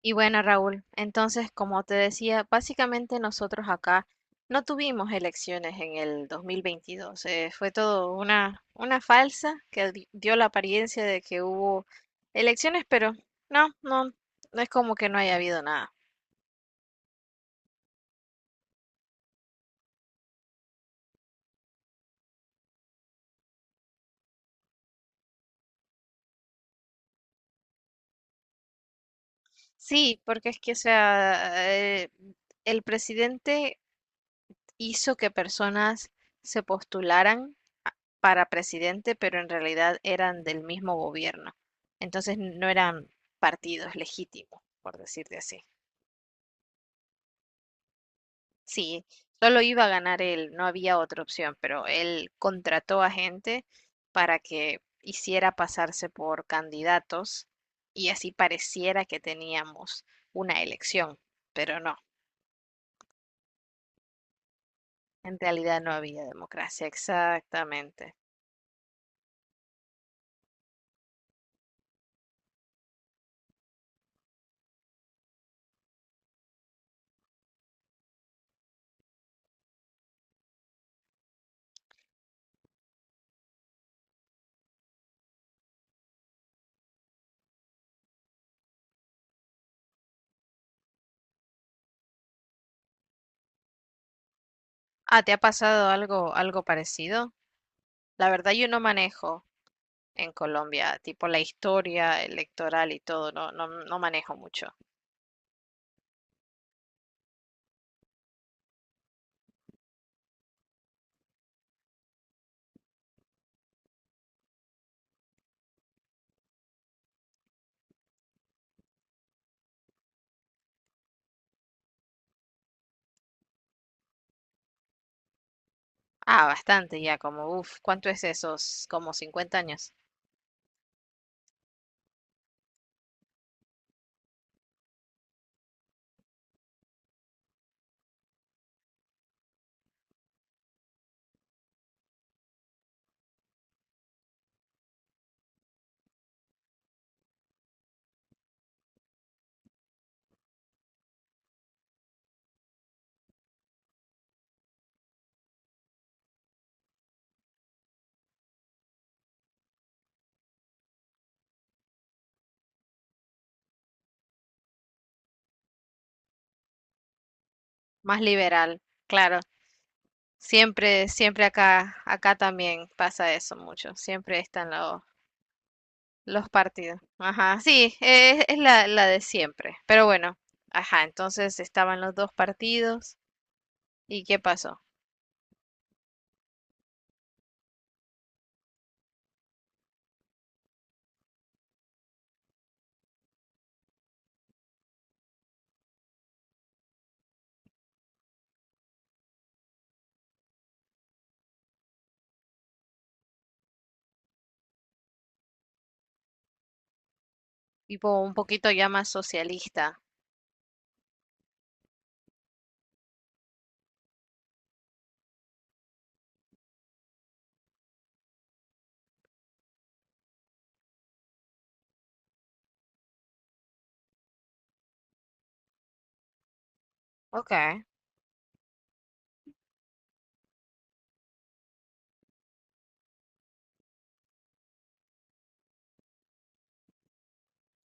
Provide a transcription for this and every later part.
Y bueno, Raúl, entonces, como te decía, básicamente nosotros acá no tuvimos elecciones en el 2022. Fue todo una falsa que dio la apariencia de que hubo elecciones, pero no, no, no es como que no haya habido nada. Sí, porque es que, o sea, eh, el presidente hizo que personas se postularan a- para presidente, pero en realidad eran del mismo gobierno. Entonces no eran partidos legítimos, por decirte así. Sí, solo iba a ganar él, no había otra opción, pero él contrató a gente para que hiciera pasarse por candidatos y así pareciera que teníamos una elección, pero no, en realidad no había democracia, exactamente. Ah, ¿te ha pasado algo parecido? La verdad, yo no manejo en Colombia, tipo la historia electoral y todo, no, no, no manejo mucho. Ah, bastante ya, como, uff, ¿cuánto es esos? Como 50 años. Más liberal, claro. Siempre, siempre acá, acá también pasa eso mucho. Siempre están los partidos. Ajá, sí, es la de siempre. Pero bueno, ajá, entonces estaban los dos partidos. ¿Y qué pasó? Tipo un poquito ya más socialista. Ok,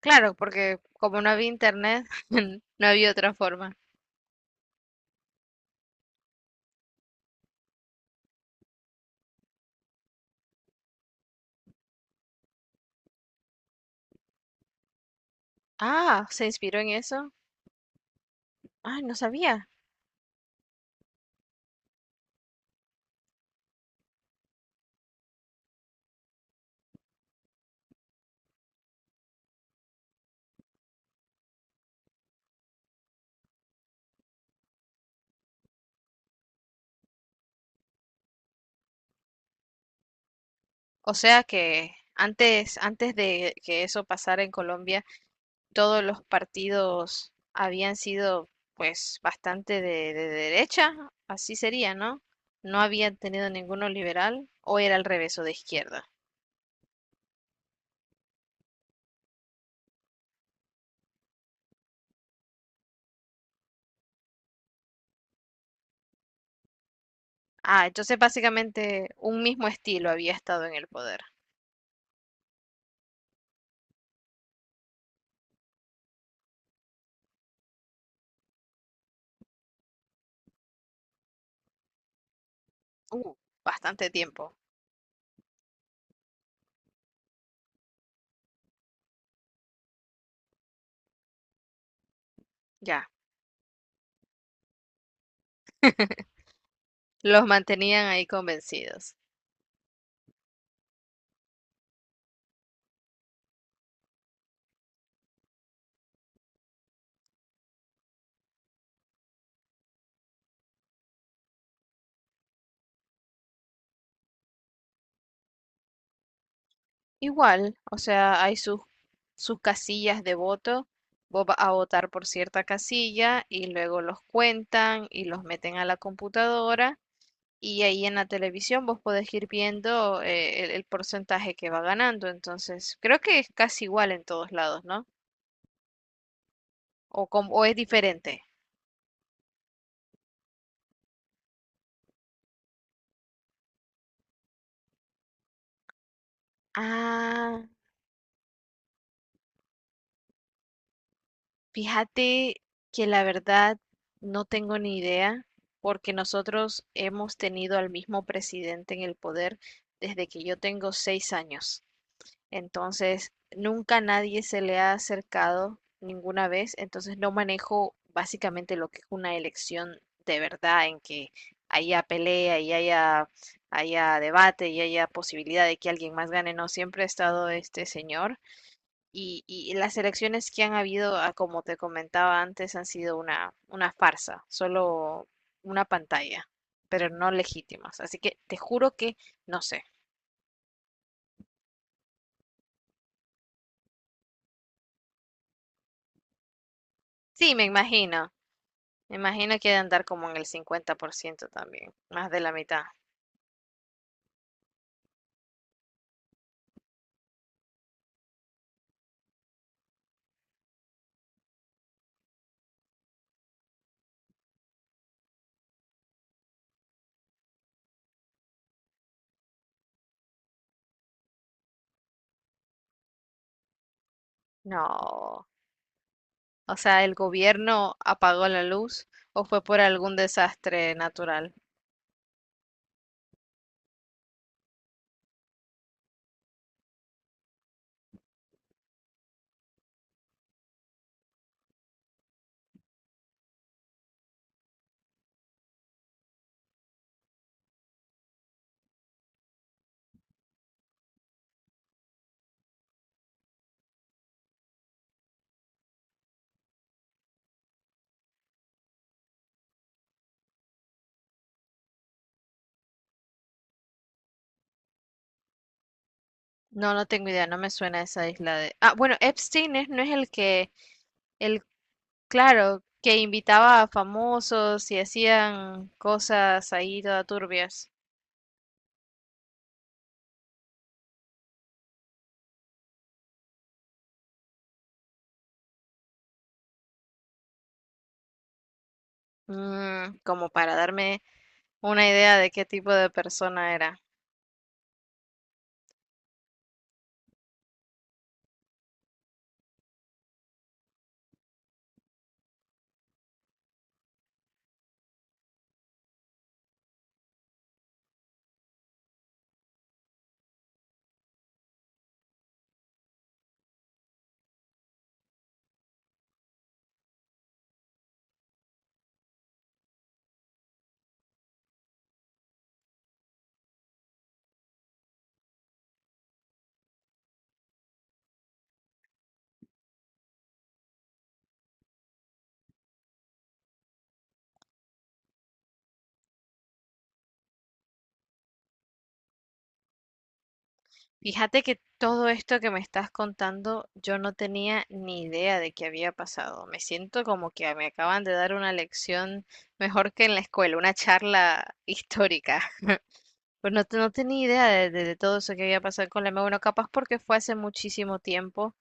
claro, porque como no había internet, no había otra forma. Ah, ¿se inspiró en eso? Ay, no sabía. O sea que antes de que eso pasara en Colombia, todos los partidos habían sido pues bastante de derecha, así sería, ¿no? No habían tenido ninguno liberal o era al revés o de izquierda. Ah, entonces básicamente un mismo estilo había estado en el poder. Uh, Bastante tiempo, ya. Los mantenían ahí convencidos. Igual, o sea, hay sus casillas de voto. Vos vas a votar por cierta casilla y luego los cuentan y los meten a la computadora y ahí en la televisión vos podés ir viendo el porcentaje que va ganando. Entonces, creo que es casi igual en todos lados, ¿no? O es diferente. Ah, fíjate que la verdad no tengo ni idea, porque nosotros hemos tenido al mismo presidente en el poder desde que yo tengo 6 años. Entonces, nunca nadie se le ha acercado ninguna vez. Entonces, no manejo básicamente lo que es una elección de verdad, en que haya pelea y haya debate y haya posibilidad de que alguien más gane. No, siempre ha estado este señor. Y las elecciones que han habido, como te comentaba antes, han sido una farsa, solo una pantalla, pero no legítimas. Así que te juro que no sé. Sí, me imagino. Me imagino que ha de andar como en el 50% también, más de la mitad. No. O sea, ¿el gobierno apagó la luz o fue por algún desastre natural? No, no tengo idea, no me suena esa isla de. Ah, bueno, Epstein no es el que el. Claro, que invitaba a famosos y hacían cosas ahí toda turbias. Como para darme una idea de qué tipo de persona era. Fíjate que todo esto que me estás contando, yo no tenía ni idea de qué había pasado. Me siento como que me acaban de dar una lección mejor que en la escuela, una charla histórica. Pues no, no tenía idea de todo eso que había pasado con la M1, capaz porque fue hace muchísimo tiempo,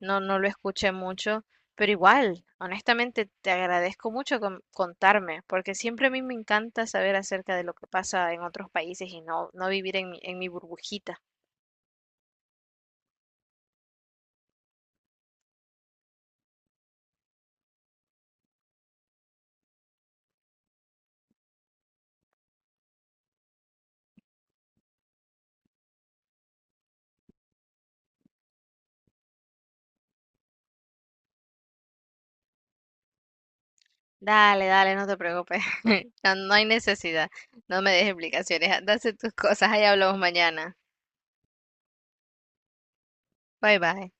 no, no lo escuché mucho, pero igual, honestamente, te agradezco mucho contarme, porque siempre a mí me encanta saber acerca de lo que pasa en otros países y no, no vivir en en mi burbujita. Dale, dale, no te preocupes, no, no hay necesidad, no me des explicaciones, anda a hacer tus cosas, ahí hablamos mañana. Bye bye.